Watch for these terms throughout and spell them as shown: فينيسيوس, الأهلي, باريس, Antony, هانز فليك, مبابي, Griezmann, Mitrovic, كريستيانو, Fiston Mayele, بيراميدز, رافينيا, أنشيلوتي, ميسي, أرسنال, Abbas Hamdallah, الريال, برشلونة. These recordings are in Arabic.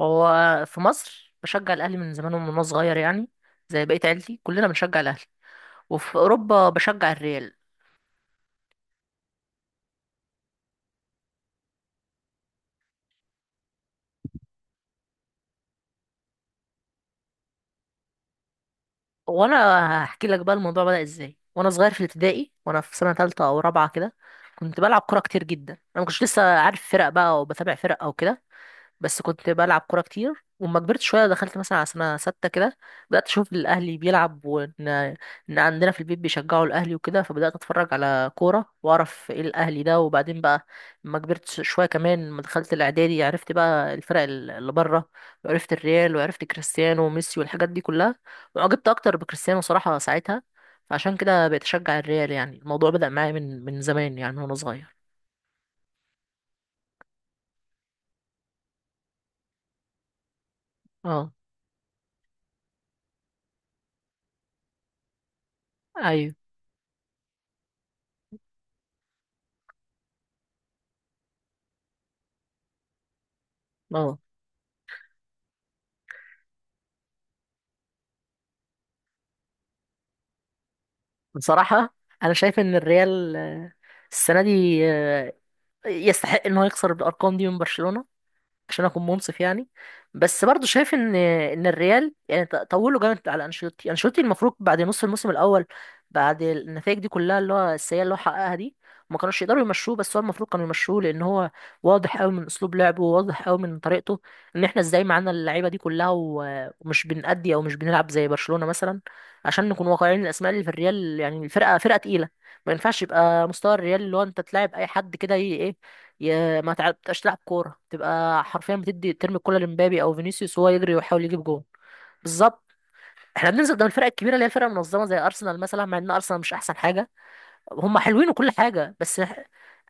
هو في مصر بشجع الاهلي من زمان ومن وانا صغير يعني، زي بقيه عيلتي كلنا بنشجع الاهلي، وفي اوروبا بشجع الريال. وانا هحكي لك بقى الموضوع بدأ ازاي. وانا صغير في الابتدائي وانا في سنه ثالثه او رابعه كده كنت بلعب كوره كتير جدا، انا ما كنتش لسه عارف فرق بقى وبتابع فرق او كده، بس كنت بلعب كورة كتير. وما كبرت شوية دخلت مثلا على سنة ستة كده بدأت أشوف الأهلي بيلعب، وإن عندنا في البيت بيشجعوا الأهلي وكده، فبدأت أتفرج على كورة وأعرف إيه الأهلي ده. وبعدين بقى لما كبرت شوية كمان، لما دخلت الإعدادي عرفت بقى الفرق اللي بره، وعرفت الريال وعرفت كريستيانو وميسي والحاجات دي كلها، وعجبت أكتر بكريستيانو صراحة ساعتها، فعشان كده بقيت أشجع الريال. يعني الموضوع بدأ معايا من زمان يعني وأنا صغير. اه، أيوه، اه. بصراحة أنا شايف إن الريال، السنة دي يستحق إن هو يخسر بالأرقام دي من برشلونة، عشان اكون منصف يعني. بس برضو شايف ان الريال يعني طولوا جامد على انشيلوتي. انشيلوتي المفروض بعد نص الموسم الاول، بعد النتائج دي كلها اللي هو السيئه اللي هو حققها دي، ما كانوش يقدروا يمشوه، بس هو المفروض كانوا يمشوه، لان هو واضح قوي من اسلوب لعبه، وواضح قوي من طريقته، ان احنا ازاي معانا اللعيبه دي كلها ومش بنأدي او مش بنلعب زي برشلونه مثلا. عشان نكون واقعيين، الاسماء اللي في الريال يعني الفرقه فرقه تقيله، ما ينفعش يبقى مستوى الريال اللي هو انت تلعب اي حد كده، يا ما تعرفش تلعب كوره تبقى حرفيا بتدي، ترمي الكوره لمبابي او فينيسيوس وهو يجري ويحاول يجيب جون. بالظبط. احنا بننزل قدام الفرق الكبيره اللي هي الفرق المنظمه زي ارسنال مثلا، مع ان ارسنال مش احسن حاجه، هم حلوين وكل حاجه بس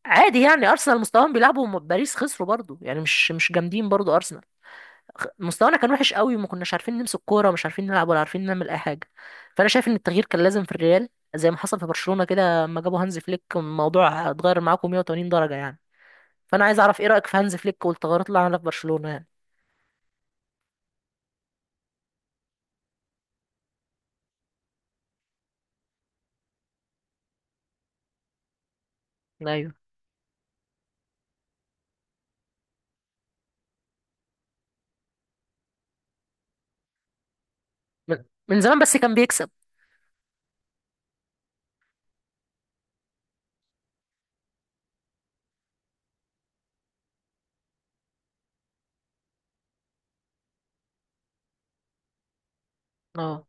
عادي يعني. ارسنال مستواهم بيلعبوا باريس خسروا برضو يعني، مش جامدين برضو ارسنال. مستوانا كان وحش قوي، وما كناش عارفين نمسك كوره، ومش عارفين نلعب، ولا عارفين نعمل اي حاجه. فانا شايف ان التغيير كان لازم في الريال، زي ما حصل في برشلونه كده لما جابوا هانز فليك الموضوع اتغير معاكم 180 درجه يعني. فانا عايز اعرف ايه رايك في هانز فليك والتغيرات اللي عملها في برشلونه يعني؟ ايوه. من زمان بس كان بيكسب. اه.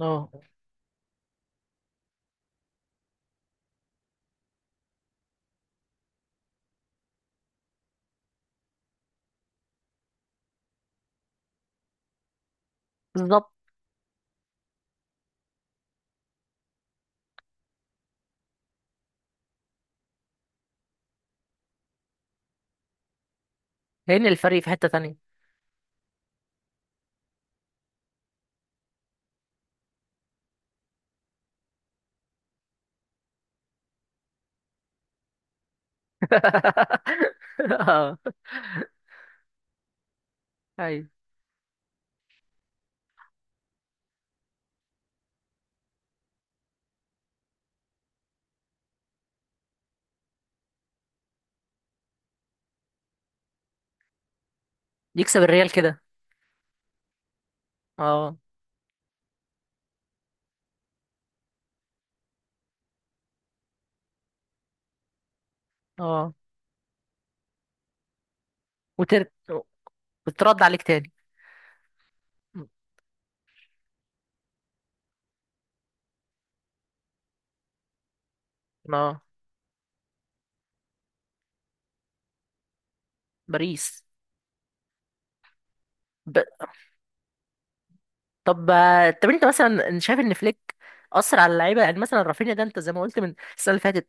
اه. بالظبط. لان الفريق في حته تانية. اه. ايوه، يكسب الريال كده. اه. اه. وتر... وترد عليك تاني. اه. باريس. ب... طب. طب، انت مثلا شايف ان فليك اثر على اللعيبه؟ يعني مثلا رافينيا ده انت زي ما قلت من السنه اللي فاتت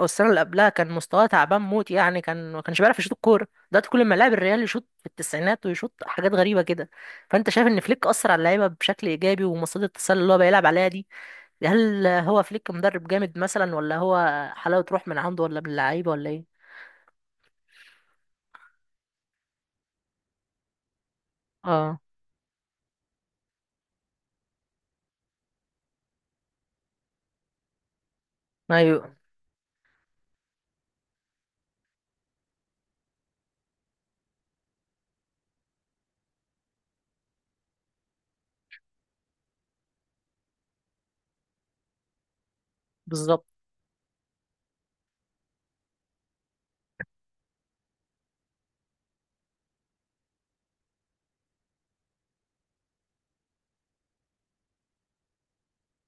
او السنه اللي قبلها كان مستواه تعبان موت يعني، كان ما كانش بيعرف يشوط الكوره. دلوقتي كل ما لاعب الريال يشوط في التسعينات ويشوط حاجات غريبه كده، فانت شايف ان فليك اثر على اللعيبه بشكل ايجابي؟ ومصيده التسلل اللي هو بيلعب عليها دي، هل هو فليك مدرب جامد مثلا، ولا هو حلاوه روح من عنده، ولا من اللعيبه، ولا ايه؟ اه. ايوه. بالظبط.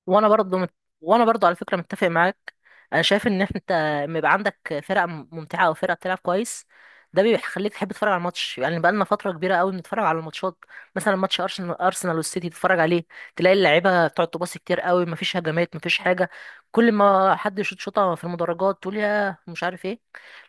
وانا برضو مت... وانا برضو على فكره متفق معاك. انا شايف ان انت لما يبقى عندك فرقه ممتعه او فرقه بتلعب كويس، ده بيخليك تحب تتفرج على الماتش. يعني بقى لنا فتره كبيره قوي بنتفرج على الماتشات، مثلا ماتش ارسنال والسيتي تتفرج عليه، تلاقي اللعيبه بتقعد تباصي كتير قوي، مفيش هجمات، مفيش حاجه. كل ما حد يشوط شوطه في المدرجات، تقول يا مش عارف ايه.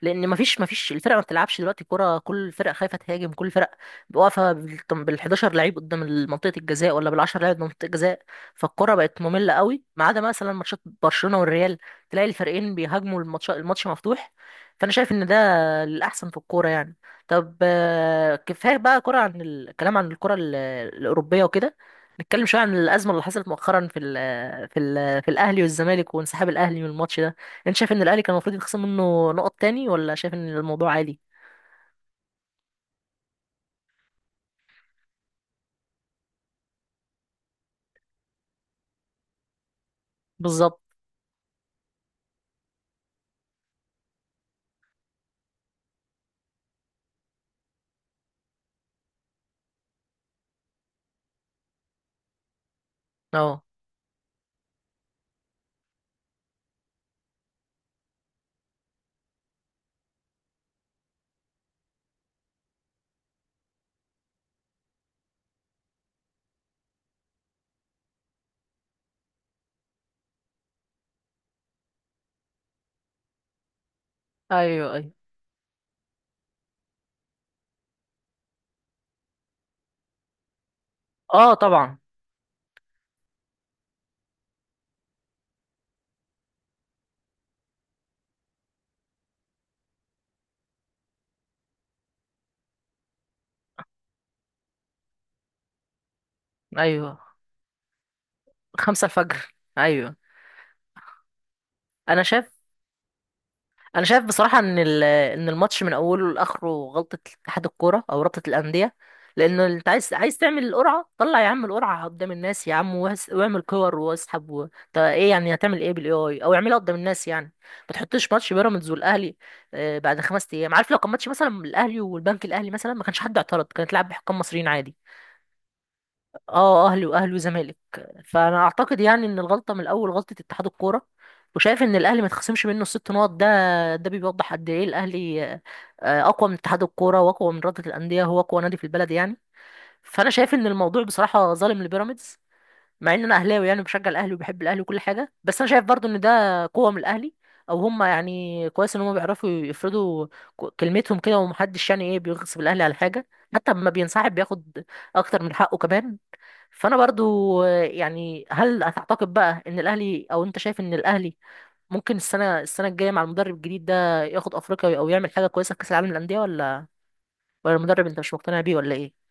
لان مفيش الفرقه ما بتلعبش دلوقتي كوره، كل الفرق خايفه تهاجم، كل الفرق واقفه بال 11 لعيب قدام منطقه الجزاء، ولا بال 10 لعيب قدام منطقه الجزاء. فالكرة بقت مملة قوي، ما عدا مثلا ماتشات برشلونة والريال، تلاقي الفريقين بيهاجموا، الماتش الماتش مفتوح، فأنا شايف إن ده الأحسن في الكورة يعني. طب كفاية بقى كرة، عن الكلام عن الكرة الأوروبية وكده، نتكلم شوية عن الأزمة اللي حصلت مؤخرا في ال في ال في الأهلي والزمالك وانسحاب الأهلي من الماتش ده. أنت شايف إن الأهلي كان المفروض يتخصم منه نقط تاني، ولا شايف إن الموضوع عادي؟ بالظبط. اه. ايوه، ايوه. اه طبعا. ايوه، خمسة الفجر. ايوه. انا شايف انا شايف بصراحه ان ان الماتش من اوله لاخره غلطه اتحاد الكوره او رابطه الانديه، لانه انت عايز تعمل القرعه، طلع يا عم القرعه قدام الناس يا عم، واعمل كور واسحب طب ايه يعني، هتعمل ايه بالاي اي؟ او اعملها قدام الناس يعني، ما تحطش ماتش بيراميدز والاهلي بعد خمس ايام. عارف، لو كان ماتش مثلا الاهلي والبنك الاهلي مثلا ما كانش حد اعترض، كانت لعب بحكام مصريين عادي. اه، اهلي وزمالك. فانا اعتقد يعني ان الغلطه من الاول غلطه اتحاد الكوره، وشايف ان الاهلي ما يتخصمش منه الست نقط ده. ده بيوضح قد ايه الاهلي اقوى من اتحاد الكوره واقوى من رابطه الانديه، هو اقوى نادي في البلد يعني. فانا شايف ان الموضوع بصراحه ظالم لبيراميدز، مع ان انا اهلاوي يعني، بشجع الاهلي وبحب الاهلي وكل حاجه، بس انا شايف برضو ان ده قوه من الاهلي، او هم يعني كويس ان هم بيعرفوا يفرضوا كلمتهم كده، ومحدش يعني ايه بيغصب الاهلي على حاجه. حتى لما بينسحب بياخد اكتر من حقه كمان. فانا برضو يعني، هل هتعتقد بقى ان الاهلي، او انت شايف ان الاهلي ممكن السنه الجايه مع المدرب الجديد ده ياخد افريقيا، او يعمل حاجه كويسه في كاس العالم للانديه؟ ولا المدرب انت مش مقتنع بيه، ولا ايه؟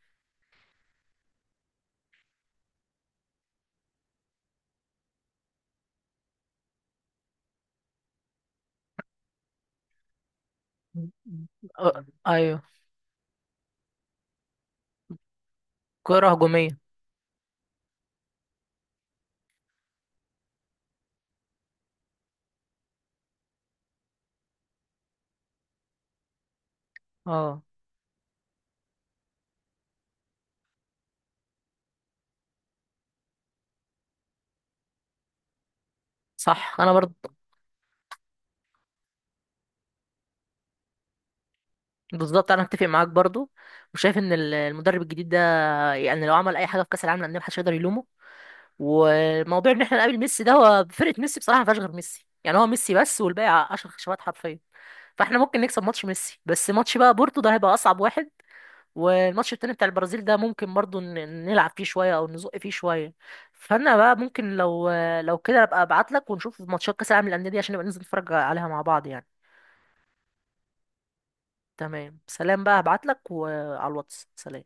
أه، ايوه، كرة هجومية. اه. صح، انا برضو. بالظبط، انا هتفق معاك برضو، وشايف ان المدرب الجديد ده يعني، لو عمل اي حاجه في كاس العالم للانديه محدش يقدر يلومه. وموضوع ان احنا نقابل ميسي ده، هو فرقه ميسي بصراحه ما فيهاش غير ميسي يعني، هو ميسي بس، والباقي عشر خشبات حرفيا. فاحنا ممكن نكسب ماتش ميسي، بس ماتش بقى بورتو ده هيبقى اصعب واحد. والماتش التاني بتاع البرازيل ده ممكن برضو نلعب فيه شوية، او نزق فيه شوية. فانا بقى ممكن لو كده ابقى ابعت لك، ونشوف ماتشات كاس العالم للانديه دي، عشان نبقى ننزل نتفرج عليها مع بعض يعني. تمام، سلام بقى، هبعت لك وعلى الواتس. سلام.